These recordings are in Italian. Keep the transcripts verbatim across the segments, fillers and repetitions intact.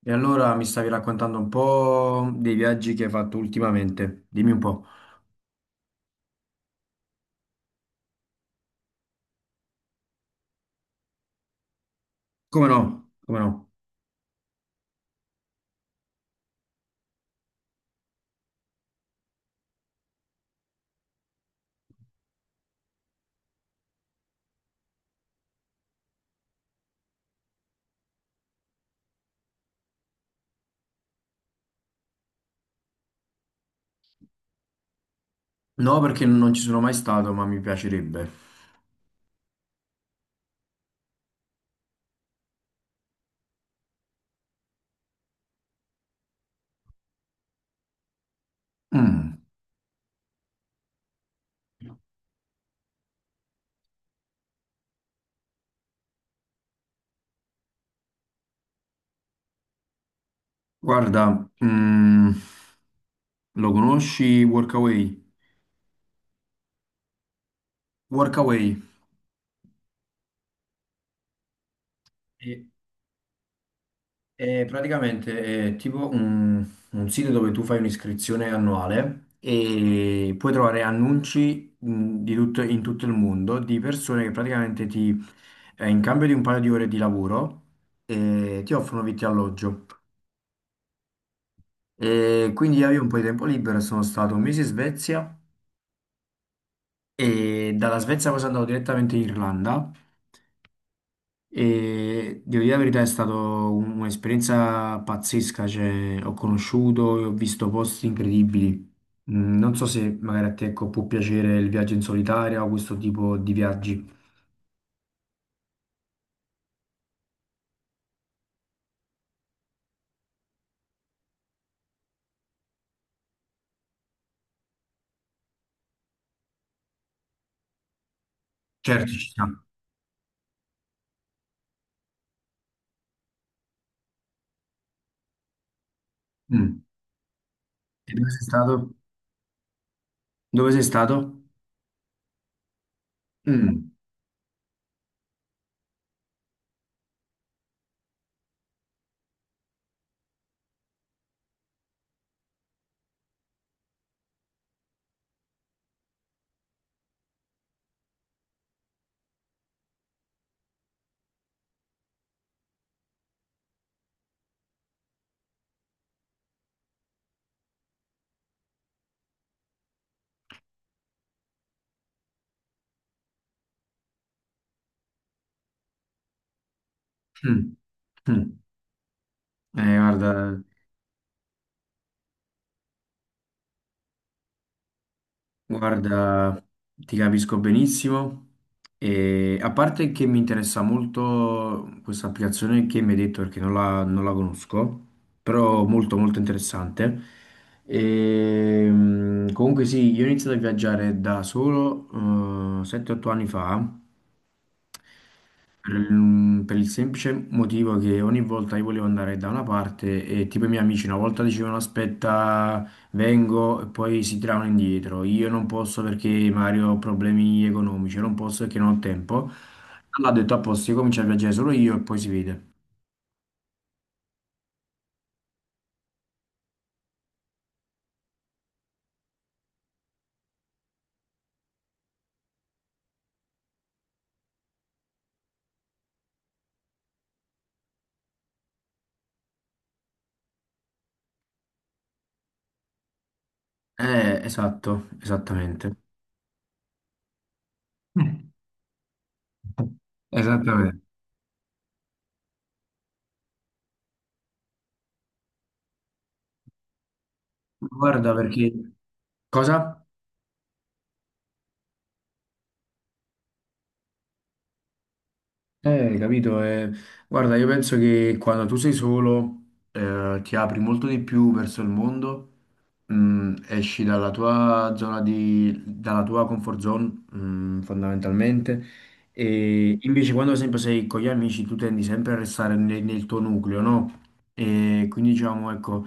E allora mi stavi raccontando un po' dei viaggi che hai fatto ultimamente. Dimmi un po'. Come no? Come no? No, perché non ci sono mai stato, ma mi piacerebbe. Mm. Guarda, mm, lo conosci Workaway? Workaway. Sì. È praticamente è tipo un, un sito dove tu fai un'iscrizione annuale e puoi trovare annunci, mh, di tutto- in tutto il mondo di persone che praticamente ti, eh, in cambio di un paio di ore di lavoro, eh, ti offrono vitto e alloggio. E quindi io avevo un po' di tempo libero e sono stato un mese in Svezia e dalla Svezia poi sono andato direttamente in Irlanda. E devo dire la verità, è stata un'esperienza pazzesca, cioè, ho conosciuto e ho visto posti incredibili. Mm, Non so se magari a te, ecco, può piacere il viaggio in solitaria o questo tipo di viaggi. Certo, ci sta. Mm. E dove sei stato? Dove sei stato? Mm. Mm. Mm. Eh, guarda. Guarda, ti capisco benissimo e a parte che mi interessa molto questa applicazione che mi hai detto perché non la, non la conosco, però molto molto interessante. E, mm, comunque sì, io ho iniziato a viaggiare da solo, eh, sette otto anni fa per il per il semplice motivo che ogni volta io volevo andare da una parte e tipo i miei amici una volta dicevano aspetta, vengo e poi si tiravano indietro. Io non posso perché Mario, ho problemi economici, io non posso perché non ho tempo. Allora ho detto a posto, io comincio a viaggiare solo io e poi si vede. Eh, esatto, esattamente. Esattamente. Guarda, perché cosa? Eh, capito? Eh, guarda, io penso che quando tu sei solo, eh, ti apri molto di più verso il mondo, mm, esci dalla tua zona di, dalla tua comfort zone, mm, fondamentalmente, e invece quando sempre sei con gli amici tu tendi sempre a restare nel, nel tuo nucleo, no? E quindi diciamo, ecco,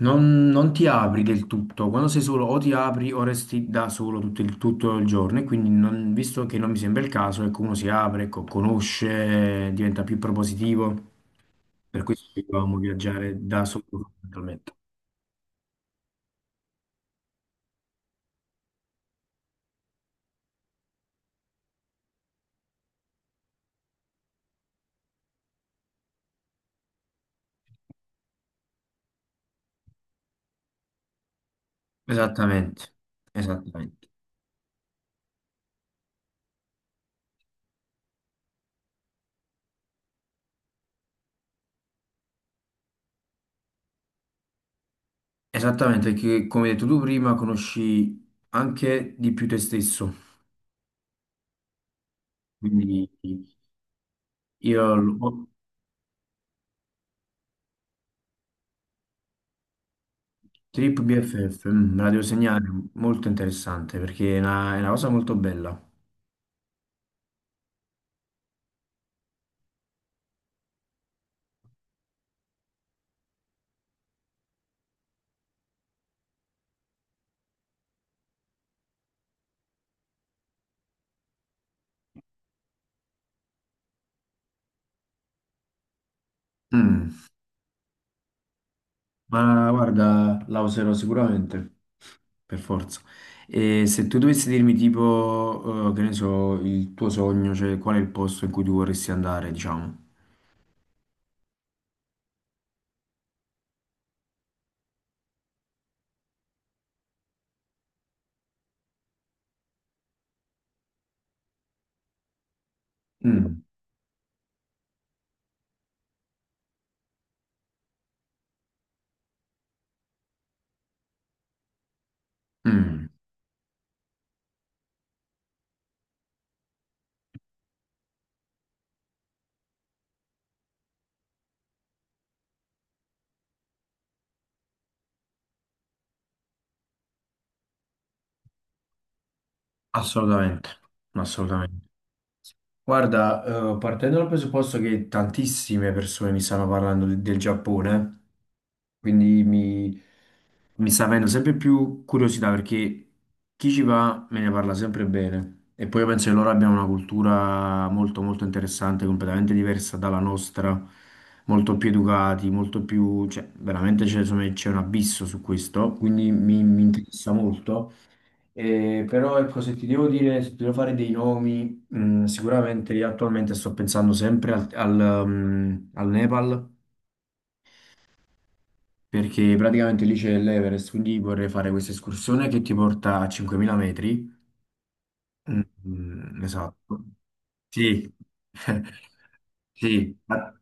non, non ti apri del tutto, quando sei solo o ti apri o resti da solo tutto il, tutto il giorno e quindi non- visto che non mi sembra il caso, ecco, uno si apre, ecco, conosce, diventa più propositivo, per questo dovevamo viaggiare da solo fondamentalmente. Esattamente, esattamente, esattamente, perché come hai detto tu prima conosci anche di più te stesso, quindi io lo- Trip B F F, mm, me la devo segnare, molto interessante perché è una, è una cosa molto bella. Mm. Ma guarda, la userò sicuramente, per forza. E se tu dovessi dirmi tipo, eh, che ne so, il tuo sogno, cioè qual è il posto in cui tu vorresti andare, diciamo. Mm, mm, Assolutamente, assolutamente. Guarda, eh, partendo dal presupposto che tantissime persone mi stanno parlando de- del Giappone, quindi mi, Mi sta avendo sempre più curiosità perché chi ci va me ne parla sempre bene. E poi io penso che loro abbiano una cultura molto molto interessante, completamente diversa dalla nostra, molto più educati, molto più, cioè, veramente c'è insomma, c'è un abisso su questo, quindi mi, mi interessa molto. Eh, però ecco, se ti devo dire, se ti devo fare dei nomi, mh, sicuramente io attualmente sto pensando sempre al, al, mm, al Nepal perché praticamente lì c'è l'Everest, quindi vorrei fare questa escursione che ti porta a cinquemila metri. Mm, mm, esatto. Sì, sì. Ma-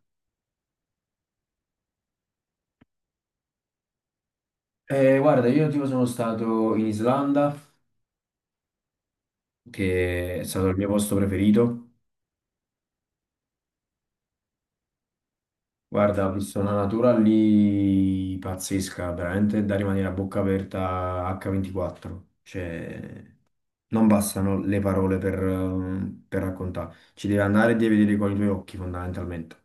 eh, Guarda, io tipo sono stato in Islanda, che è stato il mio posto preferito. Guarda, ho visto una natura lì pazzesca, veramente da rimanere a bocca aperta acca ventiquattro. Cioè, non bastano le parole per, eh, per raccontare. Ci devi andare e devi vedere con i tuoi occhi, fondamentalmente.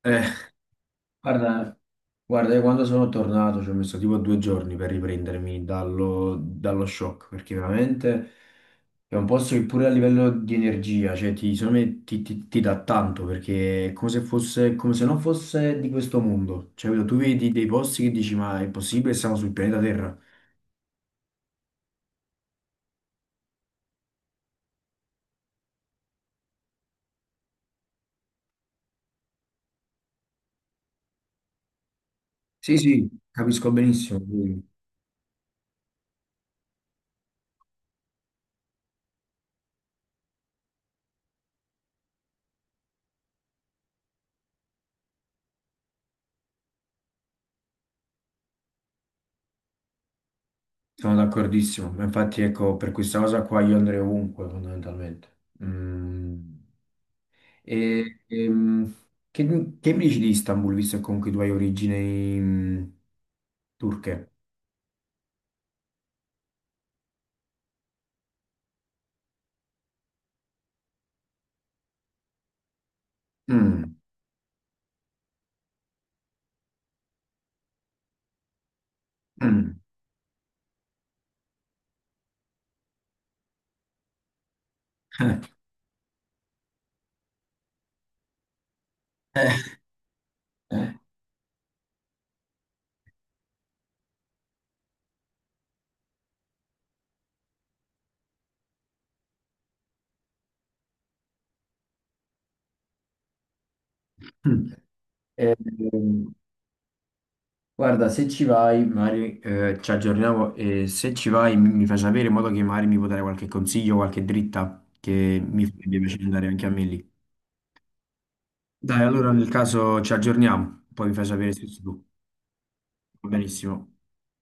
Eh, Guarda, guarda, io quando sono tornato ci ho messo tipo due giorni per riprendermi dallo, dallo shock, perché veramente è un posto che pure a livello di energia, cioè ti, secondo me ti, ti- ti dà tanto, perché è come se fosse, come se non fosse di questo mondo. Cioè, capito? Tu vedi dei posti che dici, ma è possibile, siamo sul pianeta Terra? Sì, sì, capisco benissimo, quindi sono d'accordissimo. Ma infatti, ecco, per questa cosa qua io andrei ovunque, fondamentalmente. Mm. E, ehm, che, che mi dici di Istanbul, visto che comunque tu hai origini, mm, turche? Mm, mm. Mm. Ehm, Guarda, se ci vai, magari, eh, ci aggiorniamo e se ci vai mi, mi fai sapere in modo che magari mi puoi dare qualche consiglio, qualche dritta che mi farebbe piacere andare anche a me lì. Dai, allora nel caso ci aggiorniamo, poi mi fai sapere se sei tu. Va benissimo.